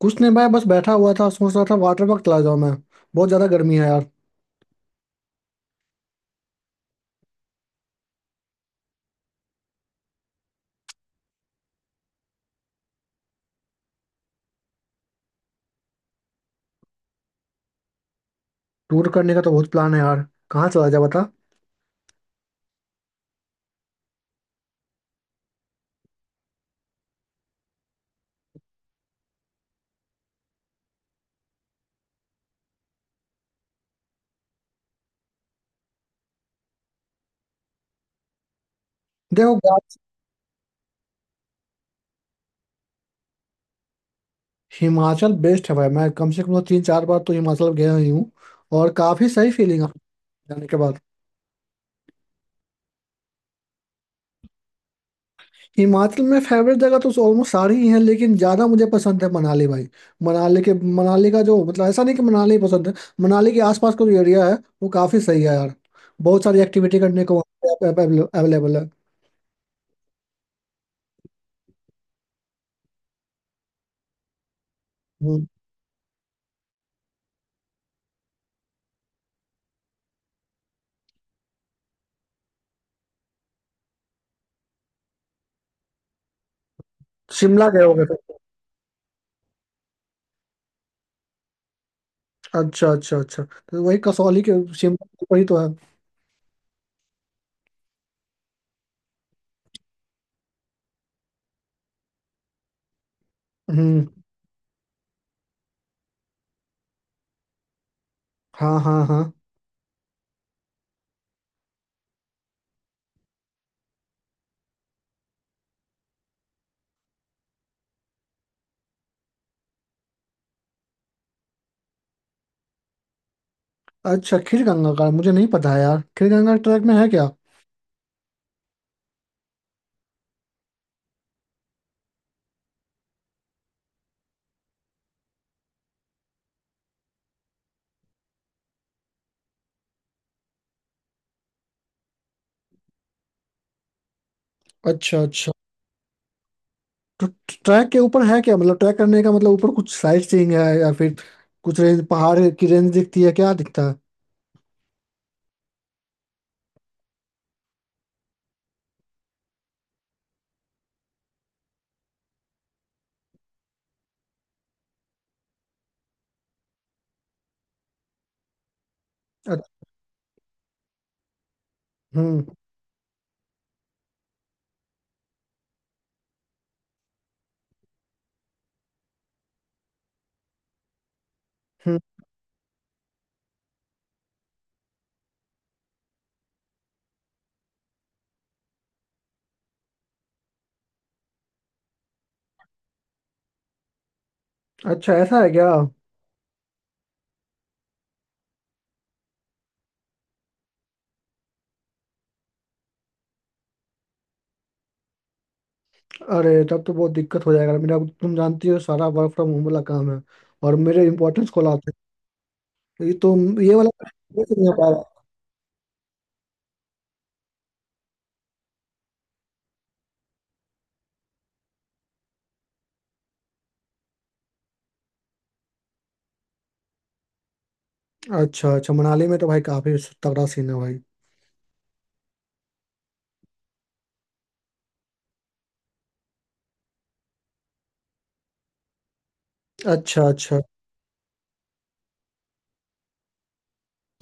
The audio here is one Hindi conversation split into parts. कुछ नहीं भाई। बस बैठा हुआ था सोच रहा था वाटर पार्क चला जाऊं मैं। बहुत ज्यादा गर्मी है यार। टूर करने का तो बहुत प्लान है यार। कहाँ चला जाए बता। देखो गाइस, हिमाचल बेस्ट है भाई। मैं कम से कम तो 3 4 बार तो हिमाचल गया ही हूँ और काफी सही फीलिंग आती है जाने के बाद। हिमाचल में फेवरेट जगह तो ऑलमोस्ट सारी ही है लेकिन ज्यादा मुझे पसंद है मनाली भाई। मनाली के मनाली का जो मतलब ऐसा नहीं कि मनाली ही पसंद है। मनाली के आसपास का जो एरिया है वो काफी सही है यार। बहुत सारी एक्टिविटी करने को अवेलेबल है। हम्म। शिमला गए होगे। अच्छा अच्छा अच्छा, तो वही कसौली के शिमला के वही तो है। हम्म। हाँ हाँ हाँ। अच्छा, खीरगंगा का मुझे नहीं पता है यार, खीरगंगा ट्रैक में है क्या? अच्छा अच्छा। तो ट्रैक के ऊपर है क्या? मतलब ट्रैक करने का मतलब ऊपर कुछ साइट सीइंग है या फिर कुछ रेंज, पहाड़ की रेंज दिखती है, क्या दिखता है? अच्छा। हम्म हम्म। अच्छा, ऐसा है क्या? अरे तब तो बहुत दिक्कत हो जाएगा मेरा, तुम जानती हो सारा वर्क फ्रॉम होम वाला काम है। और मेरे इंपॉर्टेंस को लाते हैं ये तो, ये वाला। अच्छा अच्छा, मनाली में तो भाई काफी तगड़ा सीन है भाई। अच्छा अच्छा।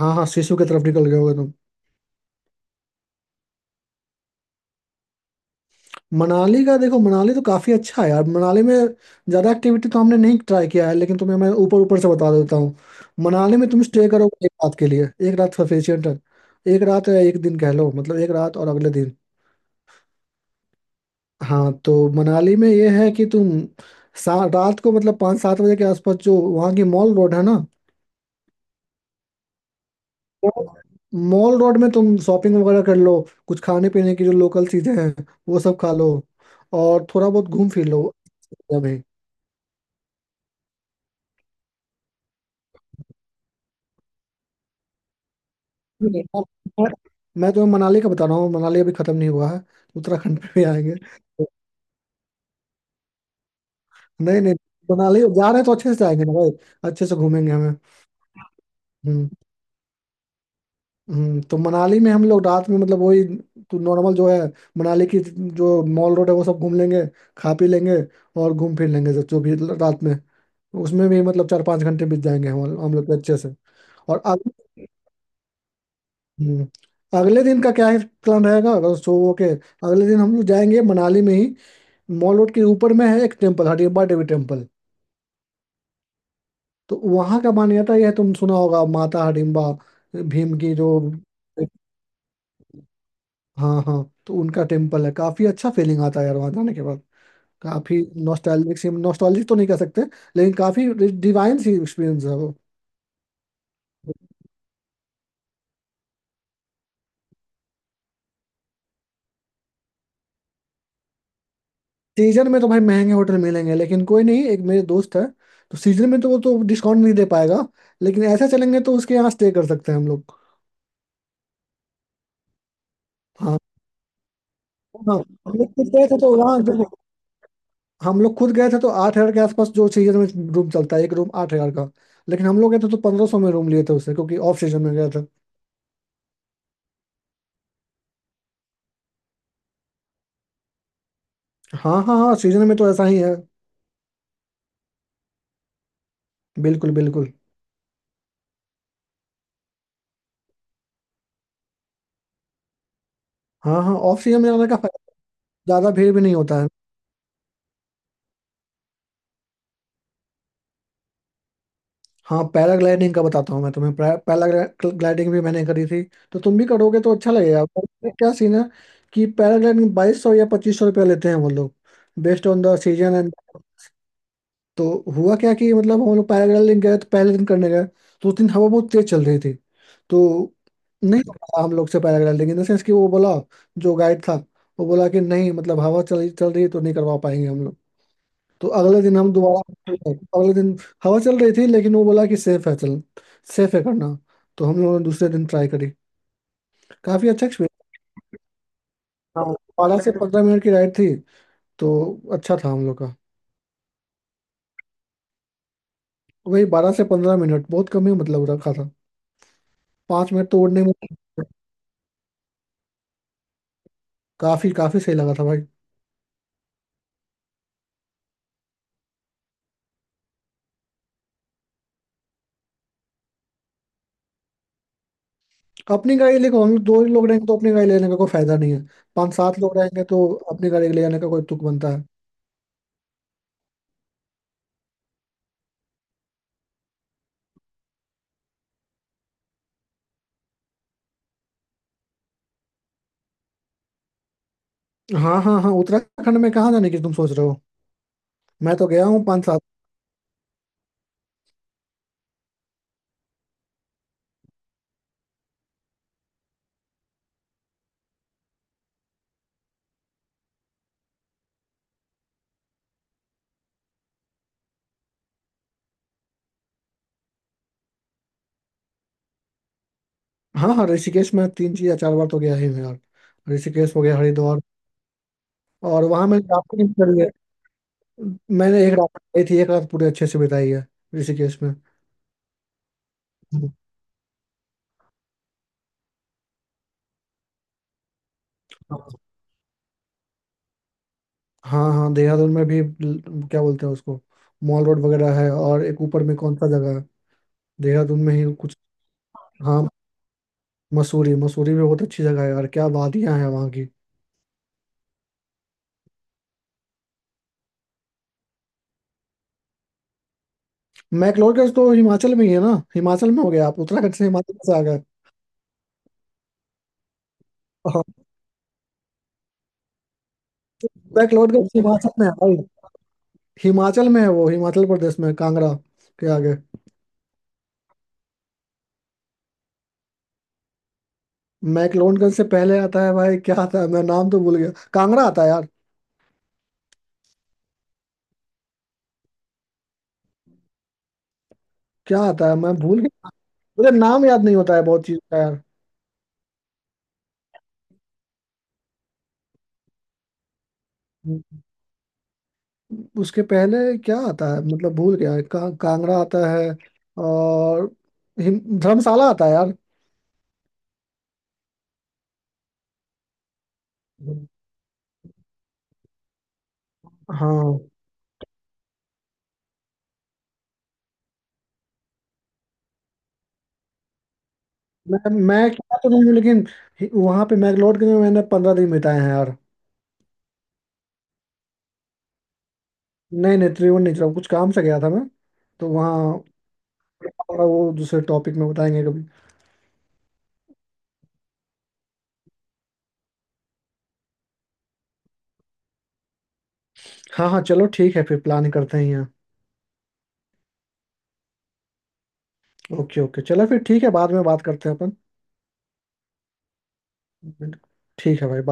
हाँ हाँ, सिसु की तरफ निकल गए होगे तुम। मनाली का देखो, मनाली तो काफी अच्छा है यार। मनाली में ज्यादा एक्टिविटी तो हमने नहीं ट्राई किया है लेकिन तुम्हें मैं ऊपर ऊपर से बता देता हूँ। मनाली में तुम स्टे करोगे एक रात के लिए। एक रात सफिशियंट है। एक रात है, एक दिन कह लो, मतलब एक रात और अगले दिन। हाँ, तो मनाली में ये है कि तुम रात को मतलब पाँच सात बजे के आसपास जो वहाँ की मॉल रोड है ना। मॉल रोड में तुम शॉपिंग वगैरह कर लो। कुछ खाने पीने की जो लोकल चीजें हैं वो सब खा लो और थोड़ा बहुत घूम फिर लो अभी। जी। और मैं मैं तुम्हें मनाली का बता रहा हूँ, मनाली अभी खत्म नहीं हुआ है, उत्तराखंड पे भी आएंगे। नहीं नहीं, मनाली जा रहे हैं तो अच्छे से जाएंगे ना भाई, अच्छे से घूमेंगे हमें। हम्म। तो मनाली में हम लोग रात में मतलब वही तो नॉर्मल जो है, मनाली की जो मॉल रोड है वो सब घूम लेंगे, खा पी लेंगे और घूम फिर लेंगे सब जो भी रात में। उसमें भी मतलब 4 5 घंटे बीत जाएंगे हम लोग के अच्छे से। और अगले हम्म, अगले दिन का क्या है प्लान रहेगा? अगर सो ओके, अगले दिन हम लोग जाएंगे मनाली में ही। मॉल रोड के ऊपर में है एक टेम्पल, हडिम्बा देवी टेम्पल। तो वहाँ का मान्यता यह है, तुम सुना होगा माता हडिम्बा, भीम की जो। हाँ हाँ। तो उनका टेम्पल है, काफी अच्छा फीलिंग आता है यार वहाँ जाने के बाद। काफी नॉस्टैल्जिक तो नहीं कह सकते लेकिन काफी डिवाइन सी एक्सपीरियंस है वो। सीजन में तो भाई महंगे होटल मिलेंगे, लेकिन कोई नहीं, एक मेरे दोस्त है तो सीजन में तो वो तो डिस्काउंट नहीं दे पाएगा, लेकिन ऐसा चलेंगे तो उसके यहाँ स्टे कर सकते हैं हम लोग। हाँ हाँ। हम लोग खुद गए थे तो वहाँ देखो, हम लोग खुद गए थे तो 8,000 के आसपास जो सीजन में रूम चलता है, एक रूम 8,000 का। लेकिन हम लोग गए थे तो 1,500 में रूम लिए थे उससे, क्योंकि ऑफ सीजन में गए थे। हाँ हाँ हाँ, सीजन में तो ऐसा ही है। बिल्कुल बिल्कुल। हाँ हाँ, ऑफ सीजन में जाने का फायदा, ज्यादा भीड़ भी नहीं होता है। हाँ, पैराग्लाइडिंग का बताता हूँ मैं तुम्हें। पैराग्लाइडिंग भी मैंने करी थी, तो तुम भी करोगे तो अच्छा लगेगा, पर इसमें क्या सीन है कि पैराग्लाइडिंग 2,200 या 2,500 रुपया लेते हैं वो लोग, based on the season and. तो हुआ क्या कि मतलब हम लोग पैराग्लाइडिंग गए तो पहले दिन करने गए, तो उस दिन हवा बहुत तेज चल रही थी तो नहीं हो पाया हम लोग से पैराग्लाइडिंग, इन द सेंस कि वो बोला, जो गाइड था, वो बोला कि नहीं, मतलब हवा चल चल रही है तो नहीं करवा पाएंगे हम लोग। तो अगले दिन हम दोबारा, अगले दिन हवा चल रही थी लेकिन वो बोला कि सेफ है, चल सेफ है करना। तो हम लोगों ने दूसरे दिन ट्राई करी। काफी अच्छा एक्सपीरियंस। हाँ, 12 से 15 मिनट की राइड थी तो अच्छा था हम लोग का। वही 12 से 15 मिनट, बहुत कम ही मतलब रखा था, 5 मिनट तो उड़ने में। काफी काफी सही लगा था भाई। अपनी गाड़ी देखो, हम लोग दो ही लोग रहेंगे तो अपनी गाड़ी लेने का कोई फायदा नहीं है। पाँच सात लोग रहेंगे तो अपनी गाड़ी ले जाने का कोई तुक बनता है। हाँ हाँ हाँ, उत्तराखंड में कहाँ जाने की तुम सोच रहे हो? मैं तो गया हूँ पाँच। हाँ हाँ, ऋषिकेश में तीन चीज या चार बार तो गया ही हूँ यार। ऋषिकेश हो गया, हरिद्वार, और वहां मैंने राफ्टिंग करी है। मैंने एक रात करी थी, एक रात पूरे अच्छे से बिताई है ऋषिकेश में। हाँ हाँ, देहरादून में भी क्या बोलते हैं उसको, मॉल रोड वगैरह है, और एक ऊपर में कौन सा जगह है देहरादून में ही कुछ। हाँ, मसूरी। मसूरी भी बहुत अच्छी जगह है यार, क्या वादियां हैं वहाँ की। मैक्लोडगंज तो हिमाचल में ही है ना, हिमाचल में हो गया, आप उत्तराखंड से हिमाचल से आ गए। हाँ, मैक्लोडगंज हिमाचल में है भाई, हिमाचल में है वो, हिमाचल प्रदेश में कांगड़ा के आगे। मैक्लोडगंज से पहले आता है भाई, क्या आता है, मैं नाम तो भूल गया, कांगड़ा आता है यार। क्या आता है मैं भूल गया, मुझे नाम याद नहीं होता है बहुत चीज का यार। उसके पहले क्या आता है मतलब, भूल गया कांगड़ा आता है, और धर्मशाला आता है यार। हाँ। मैं क्या तो नहीं हूँ लेकिन वहाँ पे मैक्लोडगंज में मैंने 15 दिन बिताए हैं यार। नहीं नहीं, त्रिवेणी नहीं चला, कुछ काम से गया था मैं तो वहाँ। और वो दूसरे टॉपिक में बताएंगे कभी। हाँ हाँ चलो ठीक है, फिर प्लान करते हैं यहाँ। ओके ओके चलो फिर ठीक है, बाद में बात करते हैं अपन। ठीक है भाई बाय।